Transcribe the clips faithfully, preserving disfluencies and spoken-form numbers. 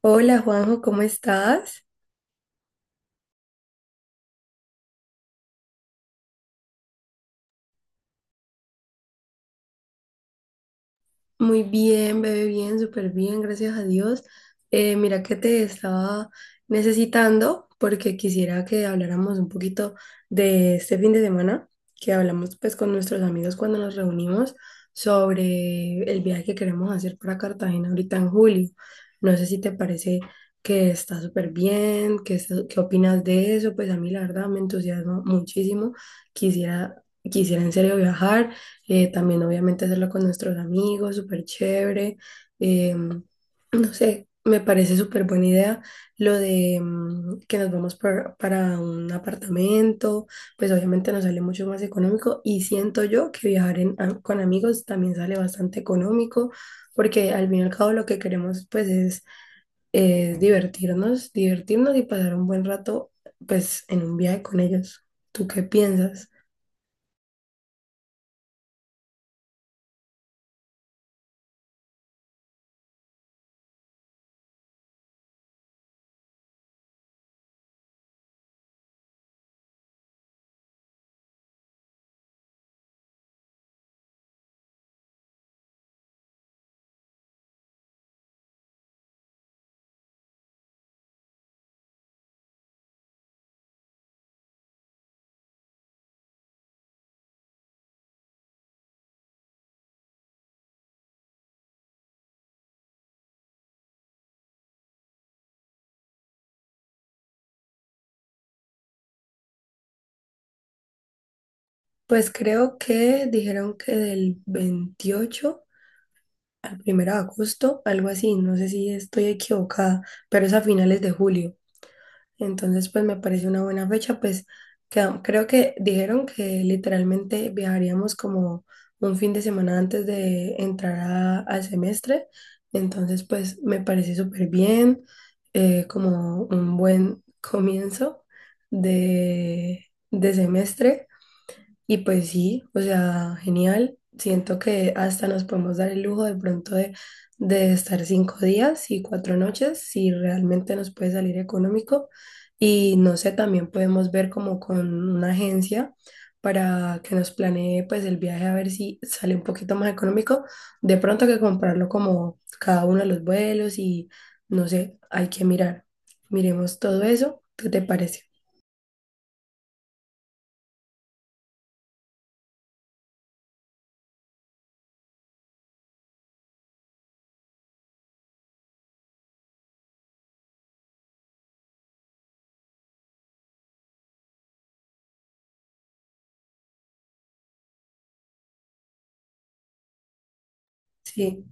Hola Juanjo, ¿cómo estás? Muy bien, bebé, bien, súper bien, gracias a Dios. Eh, mira que te estaba necesitando porque quisiera que habláramos un poquito de este fin de semana, que hablamos pues con nuestros amigos cuando nos reunimos sobre el viaje que queremos hacer para Cartagena ahorita en julio. No sé si te parece que está súper bien, que, está- qué opinas de eso, pues a mí la verdad me entusiasma muchísimo. Quisiera, quisiera en serio viajar. Eh, también obviamente hacerlo con nuestros amigos, súper chévere. Eh, no sé, me parece súper buena idea lo de mm, que nos vamos por- para un apartamento, pues obviamente nos sale mucho más económico y siento yo que viajar en- a- con amigos también sale bastante económico. Porque al fin y al cabo lo que queremos pues es, es divertirnos, divertirnos y pasar un buen rato pues en un viaje con ellos. ¿Tú qué piensas? Pues creo que dijeron que del veintiocho al primero de agosto, algo así, no sé si estoy equivocada, pero es a finales de julio. Entonces, pues me parece una buena fecha, pues queda- creo que dijeron que literalmente viajaríamos como un fin de semana antes de entrar a- al semestre. Entonces, pues me parece súper bien, eh, como un buen comienzo de, de semestre. Y pues sí, o sea, genial. Siento que hasta nos podemos dar el lujo de pronto de, de estar cinco días y cuatro noches, si realmente nos puede salir económico. Y no sé, también podemos ver como con una agencia para que nos planee pues el viaje a ver si sale un poquito más económico. De pronto que comprarlo como cada uno de los vuelos y no sé, hay que mirar. Miremos todo eso. ¿Qué te parece? Sí.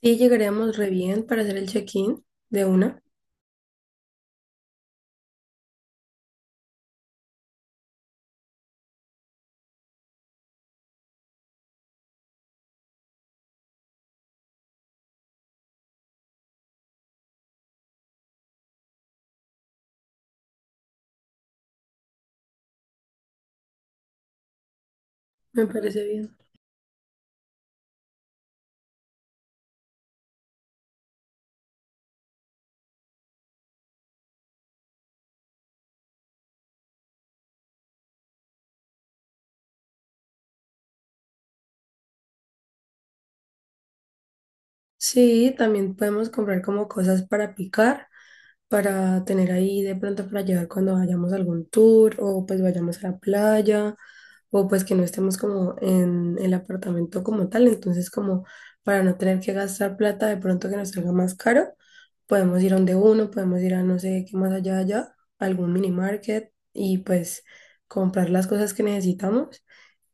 Sí, llegaríamos re bien para hacer el check-in de una. Me parece bien. Sí, también podemos comprar como cosas para picar, para tener ahí de pronto para llevar cuando vayamos a algún tour o pues vayamos a la playa o pues que no estemos como en el apartamento como tal. Entonces como para no tener que gastar plata de pronto que nos salga más caro, podemos ir a donde uno, podemos ir a no sé qué más allá allá, algún mini market y pues comprar las cosas que necesitamos.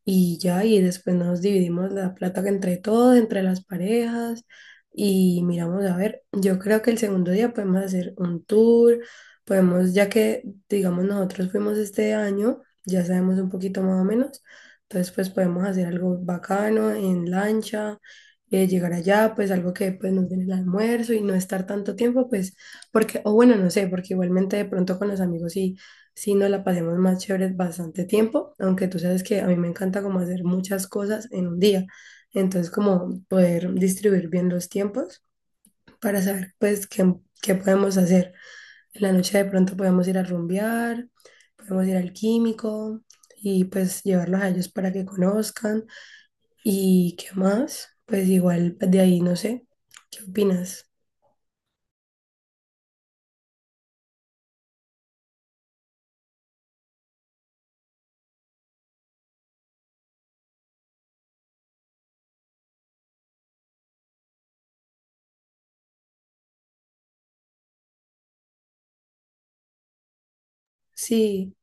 Y ya, y después nos dividimos la plata entre todos, entre las parejas, y miramos a ver, yo creo que el segundo día podemos hacer un tour, podemos, ya que, digamos, nosotros fuimos este año, ya sabemos un poquito más o menos, entonces pues podemos hacer algo bacano en lancha, eh, llegar allá, pues algo que pues nos den el almuerzo y no estar tanto tiempo, pues, porque, o bueno, no sé, porque igualmente de pronto con los amigos sí si nos la pasemos más chévere bastante tiempo, aunque tú sabes que a mí me encanta como hacer muchas cosas en un día, entonces como poder distribuir bien los tiempos para saber pues qué, qué podemos hacer. En la noche de pronto podemos ir a rumbear, podemos ir al químico y pues llevarlos a ellos para que conozcan y qué más, pues igual pues, de ahí no sé, ¿qué opinas? Sí,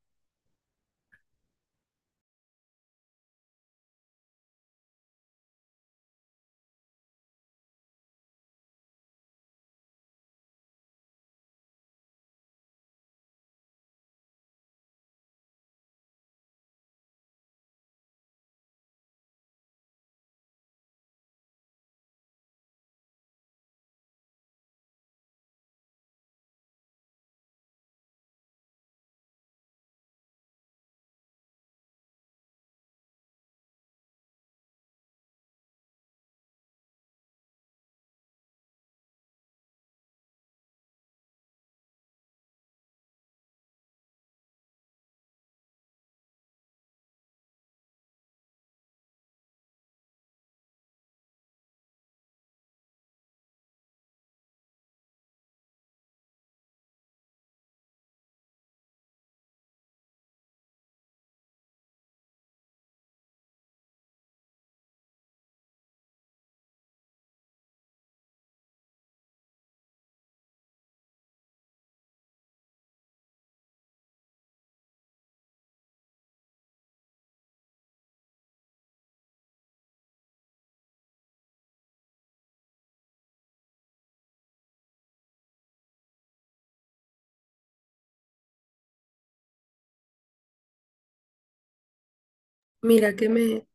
mira que me,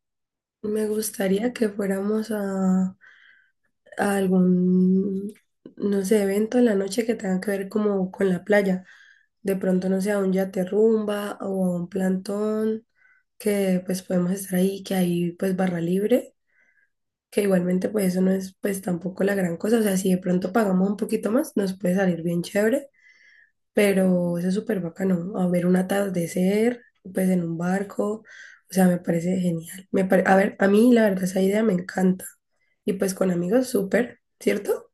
me gustaría que fuéramos a a algún, no sé, evento en la noche que tenga que ver como con la playa. De pronto, no sé, a un yate rumba o a un plantón, que pues podemos estar ahí, que hay pues barra libre, que igualmente pues eso no es pues tampoco la gran cosa. O sea, si de pronto pagamos un poquito más, nos puede salir bien chévere, pero eso es súper bacano. A ver un atardecer, pues en un barco. O sea, me parece genial. Me pare- A ver, a mí la verdad esa idea me encanta. Y pues con amigos, súper, ¿cierto?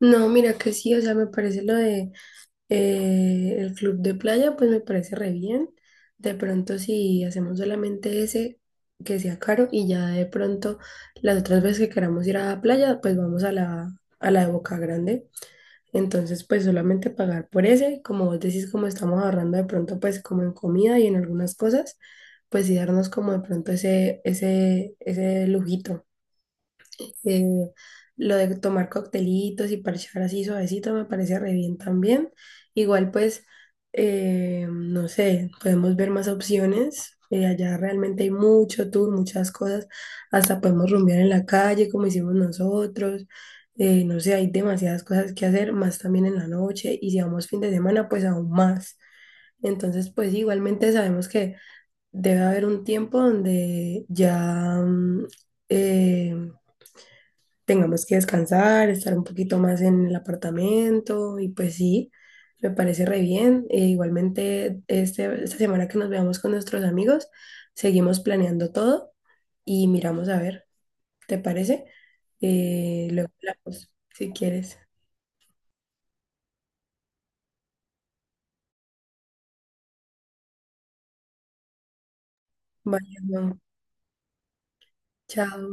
No, mira que sí, o sea, me parece lo de eh, el club de playa, pues me parece re bien. De pronto si hacemos solamente ese, que sea caro, y ya de pronto las otras veces que queramos ir a la playa, pues vamos a la, a la de Boca Grande. Entonces, pues solamente pagar por ese, como vos decís, como estamos ahorrando de pronto, pues como en comida y en algunas cosas, pues sí darnos como de pronto ese, ese, ese lujito. Eh, lo de tomar coctelitos y parchar así suavecito me parece re bien también. Igual pues, eh, no sé, podemos ver más opciones. Eh, allá realmente hay mucho tour, muchas cosas. Hasta podemos rumbear en la calle como hicimos nosotros. Eh, no sé, hay demasiadas cosas que hacer, más también en la noche. Y si vamos fin de semana, pues aún más. Entonces, pues igualmente sabemos que debe haber un tiempo donde ya mm, eh, tengamos que descansar, estar un poquito más en el apartamento y pues sí, me parece re bien. E igualmente, este, esta semana que nos veamos con nuestros amigos, seguimos planeando todo y miramos a ver, ¿te parece? Eh, luego hablamos, si quieres. Vaya, Juan. Chao.